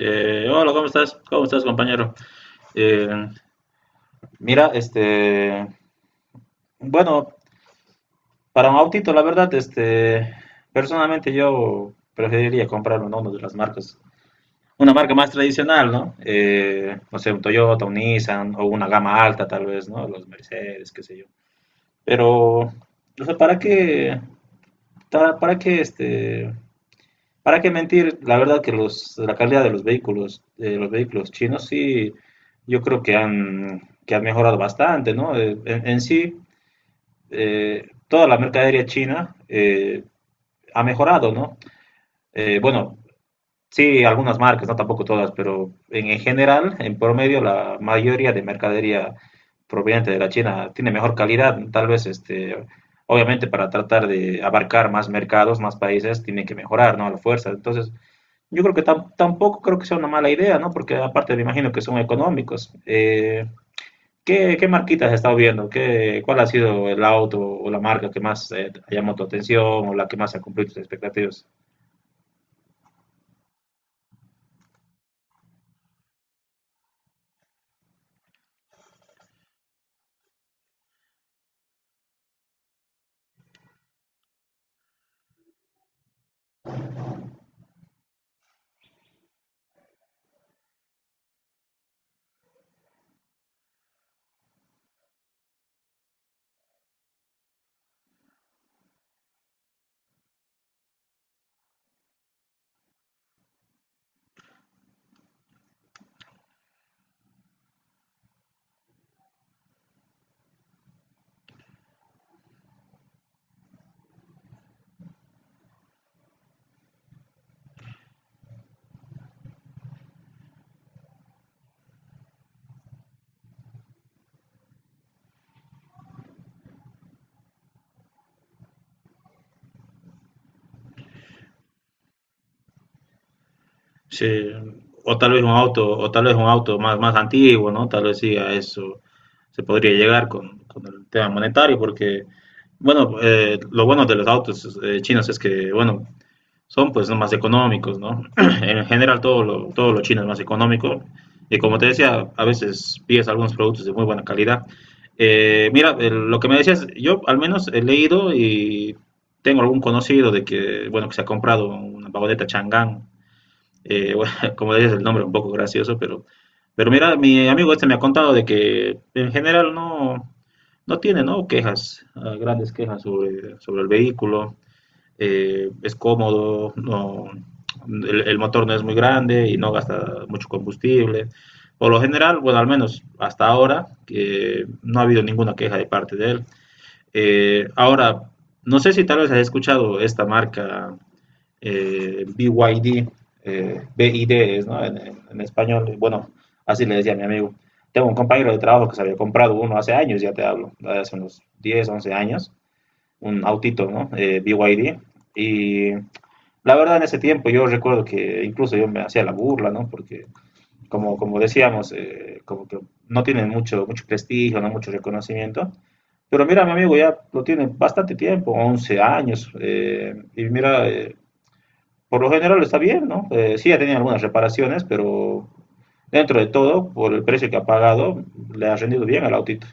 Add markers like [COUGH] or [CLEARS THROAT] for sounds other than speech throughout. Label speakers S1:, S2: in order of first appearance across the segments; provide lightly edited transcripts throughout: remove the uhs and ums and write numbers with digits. S1: Hola, ¿cómo estás? ¿Cómo estás, compañero? Eh, Mira, este, bueno, para un autito, la verdad, este, personalmente yo preferiría comprar uno de las marcas, una marca más tradicional, ¿no? No sé, un Toyota, un Nissan o una gama alta, tal vez, ¿no? Los Mercedes, qué sé yo. Pero, o sea, ¿para qué, para qué, este? ¿Para qué mentir? La verdad que los, la calidad de los vehículos chinos, sí, yo creo que que han mejorado bastante, ¿no? En, sí, toda la mercadería china ha mejorado, ¿no? Bueno, sí, algunas marcas, no tampoco todas, pero en general, en promedio, la mayoría de mercadería proveniente de la China tiene mejor calidad, tal vez, este, obviamente para tratar de abarcar más mercados, más países, tienen que mejorar, ¿no? A la fuerza. Entonces, yo creo que tampoco creo que sea una mala idea, ¿no? Porque aparte me imagino que son económicos. ¿Qué, marquitas has estado viendo? ¿Qué, cuál ha sido el auto o la marca que más ha llamado tu atención o la que más ha cumplido tus expectativas? Sí, o tal vez un auto más antiguo, ¿no? Tal vez sí a eso se podría llegar con el tema monetario, porque, bueno, lo bueno de los autos chinos es que, bueno, son pues más económicos, ¿no? [CLEARS THROAT] En general todo lo chino es más económico y como te decía, a veces pides algunos productos de muy buena calidad. Mira, lo que me decías, yo al menos he leído y tengo algún conocido de que, bueno, que se ha comprado una vagoneta Chang'an, [LAUGHS] bueno, como decías, el nombre es un poco gracioso, pero mira, mi amigo este me ha contado de que en general no, no tiene, ¿no? quejas, grandes quejas sobre el vehículo es cómodo, no, el motor no es muy grande y no gasta mucho combustible. Por lo general, bueno, al menos hasta ahora, no ha habido ninguna queja de parte de él. Ahora, no sé si tal vez has escuchado esta marca BYD, D B I D es, ¿no? en, en español, bueno, así le decía a mi amigo. Tengo un compañero de trabajo que se había comprado uno hace años, ya te hablo, hace unos 10 11 años, un autito, ¿no? BYD. Y D. Y la verdad en ese tiempo yo recuerdo que incluso yo me hacía la burla, ¿no? Porque como, decíamos, como que no tienen mucho, mucho prestigio, no mucho reconocimiento. Pero mira, mi amigo ya lo tiene bastante tiempo, 11 años. Y mira, por lo general está bien, ¿no? Sí, ha tenido algunas reparaciones, pero dentro de todo, por el precio que ha pagado, le ha rendido bien al autito.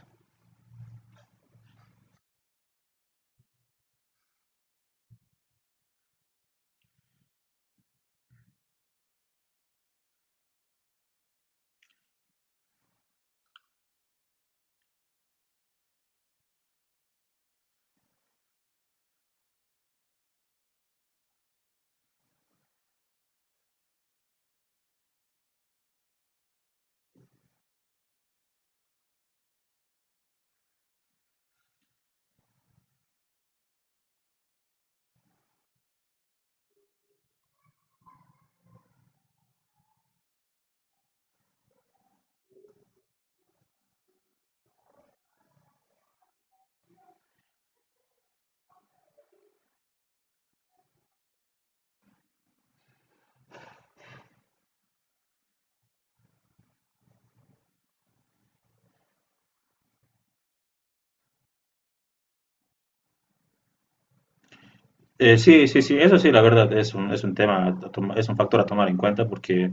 S1: Sí, sí, sí, eso sí, la verdad, es un, tema, es un factor a tomar en cuenta porque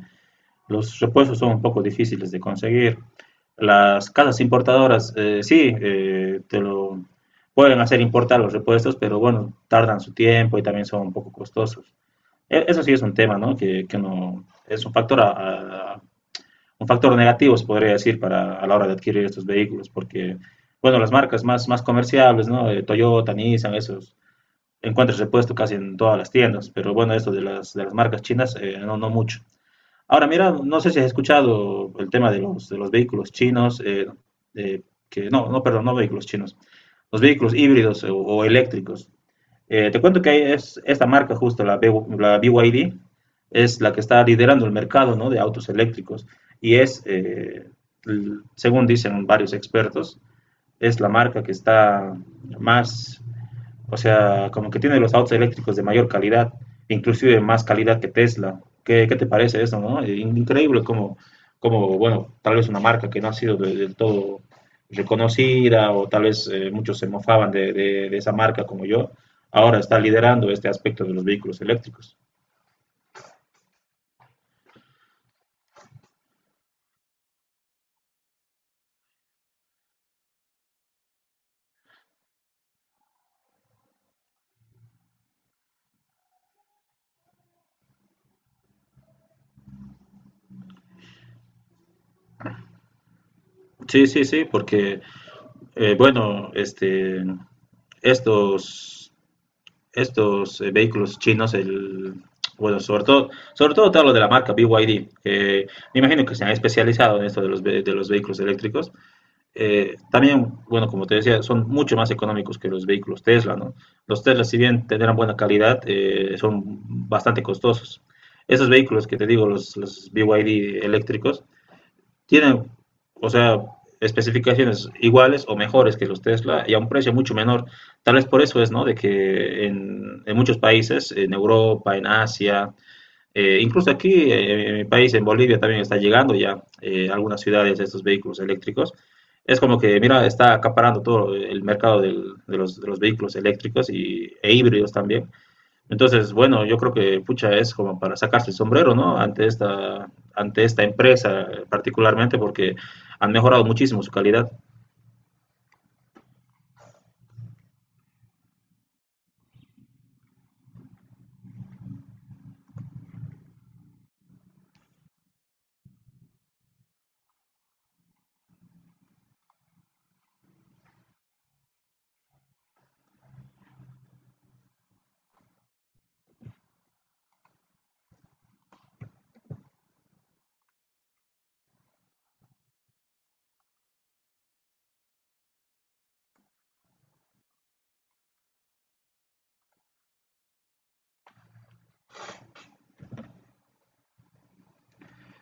S1: los repuestos son un poco difíciles de conseguir. Las casas importadoras, sí, te lo pueden hacer importar los repuestos, pero bueno, tardan su tiempo y también son un poco costosos. Eso sí es un tema, ¿no? Que no, es un factor, un factor negativo, se podría decir, para, a la hora de adquirir estos vehículos, porque, bueno, las marcas más comerciales, ¿no? Toyota, Nissan, esos encuentras repuesto casi en todas las tiendas, pero bueno, esto de de las marcas chinas, no, no mucho. Ahora, mira, no sé si has escuchado el tema de de los vehículos chinos, eh, que no, no, perdón, no vehículos chinos, los vehículos híbridos o eléctricos. Te cuento que hay es esta marca justo, la BYD, es la que está liderando el mercado, ¿no? De autos eléctricos y según dicen varios expertos, es la marca que está más, o sea, como que tiene los autos eléctricos de mayor calidad, inclusive más calidad que Tesla. ¿Qué, qué te parece eso, no? Increíble como, bueno, tal vez una marca que no ha sido del todo reconocida o tal vez muchos se mofaban de esa marca como yo, ahora está liderando este aspecto de los vehículos eléctricos. Sí, sí, sí, porque, bueno, este, estos estos vehículos chinos, bueno, sobre todo te hablo de la marca BYD, que me imagino que se han especializado en esto de de los vehículos eléctricos. También, bueno, como te decía, son mucho más económicos que los vehículos Tesla, ¿no? Los Tesla, si bien tendrán buena calidad, son bastante costosos. Esos vehículos que te digo, los BYD eléctricos, tienen, o sea, especificaciones iguales o mejores que los Tesla y a un precio mucho menor. Tal vez por eso es, ¿no? De que en muchos países, en Europa, en Asia, incluso aquí en mi país, en Bolivia, también está llegando ya a algunas ciudades estos vehículos eléctricos. Es como que, mira, está acaparando todo el mercado de los vehículos eléctricos y, e híbridos también. Entonces, bueno, yo creo que pucha es como para sacarse el sombrero, ¿no? Ante esta empresa particularmente porque han mejorado muchísimo su calidad.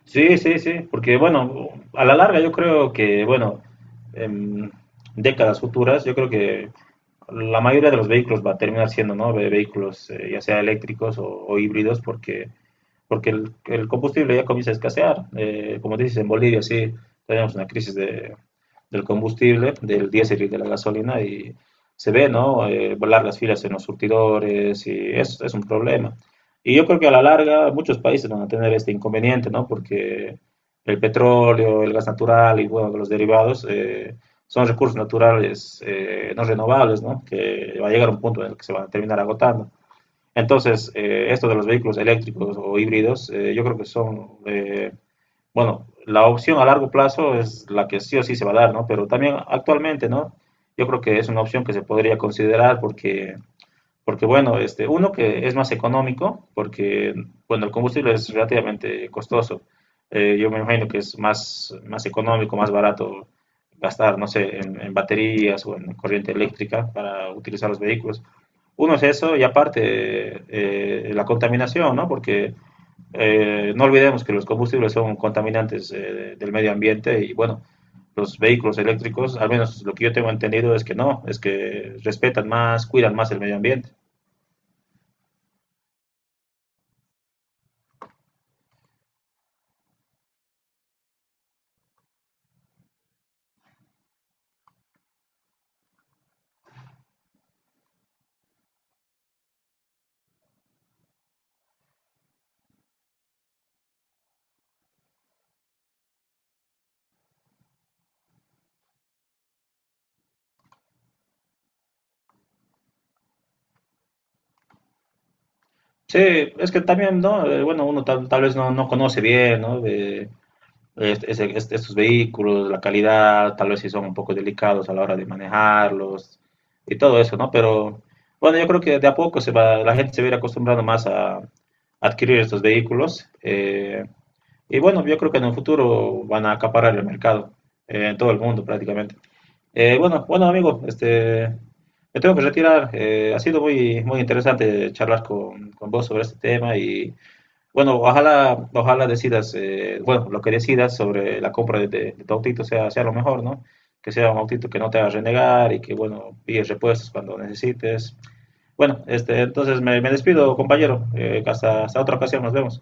S1: Sí, sí, sí, porque bueno, a la larga yo creo que, bueno, en décadas futuras, yo creo que la mayoría de los vehículos va a terminar siendo, ¿no? Vehículos ya sea eléctricos o híbridos, porque porque el combustible ya comienza a escasear. Como dices, en Bolivia sí tenemos una crisis del combustible, del diésel y de la gasolina, y se ve, ¿no? Volar las filas en los surtidores, y es un problema. Y yo creo que a la larga muchos países van a tener este inconveniente, ¿no? Porque el petróleo, el gas natural y, bueno, los derivados son recursos naturales no renovables, ¿no? Que va a llegar un punto en el que se van a terminar agotando. Entonces, esto de los vehículos eléctricos o híbridos, yo creo que son, bueno, la opción a largo plazo es la que sí o sí se va a dar, ¿no? Pero también actualmente, ¿no? Yo creo que es una opción que se podría considerar porque, porque bueno, este, uno que es más económico, porque, bueno, el combustible es relativamente costoso. Yo me imagino que es más económico, más barato gastar, no sé, en baterías o en corriente eléctrica para utilizar los vehículos. Uno es eso y aparte la contaminación, ¿no? Porque no olvidemos que los combustibles son contaminantes del medio ambiente y bueno, los vehículos eléctricos, al menos lo que yo tengo entendido es que no, es que respetan más, cuidan más el medio ambiente. Sí, es que también, ¿no? Bueno, uno tal vez no conoce bien, ¿no? De estos vehículos, la calidad, tal vez si son un poco delicados a la hora de manejarlos y todo eso, ¿no? Pero bueno, yo creo que de a poco se va, la gente se va a ir acostumbrando más a adquirir estos vehículos. Y bueno, yo creo que en el futuro van a acaparar el mercado en todo el mundo prácticamente. Bueno, bueno, amigo, este, me tengo que retirar. Ha sido muy, muy interesante charlar con vos sobre este tema y bueno, ojalá, ojalá decidas, bueno, lo que decidas sobre la compra de tu autito sea lo mejor, ¿no? Que sea un autito que no te haga renegar y que, bueno, pilles repuestos cuando necesites. Bueno, este, entonces me despido, compañero. Hasta, hasta otra ocasión, nos vemos.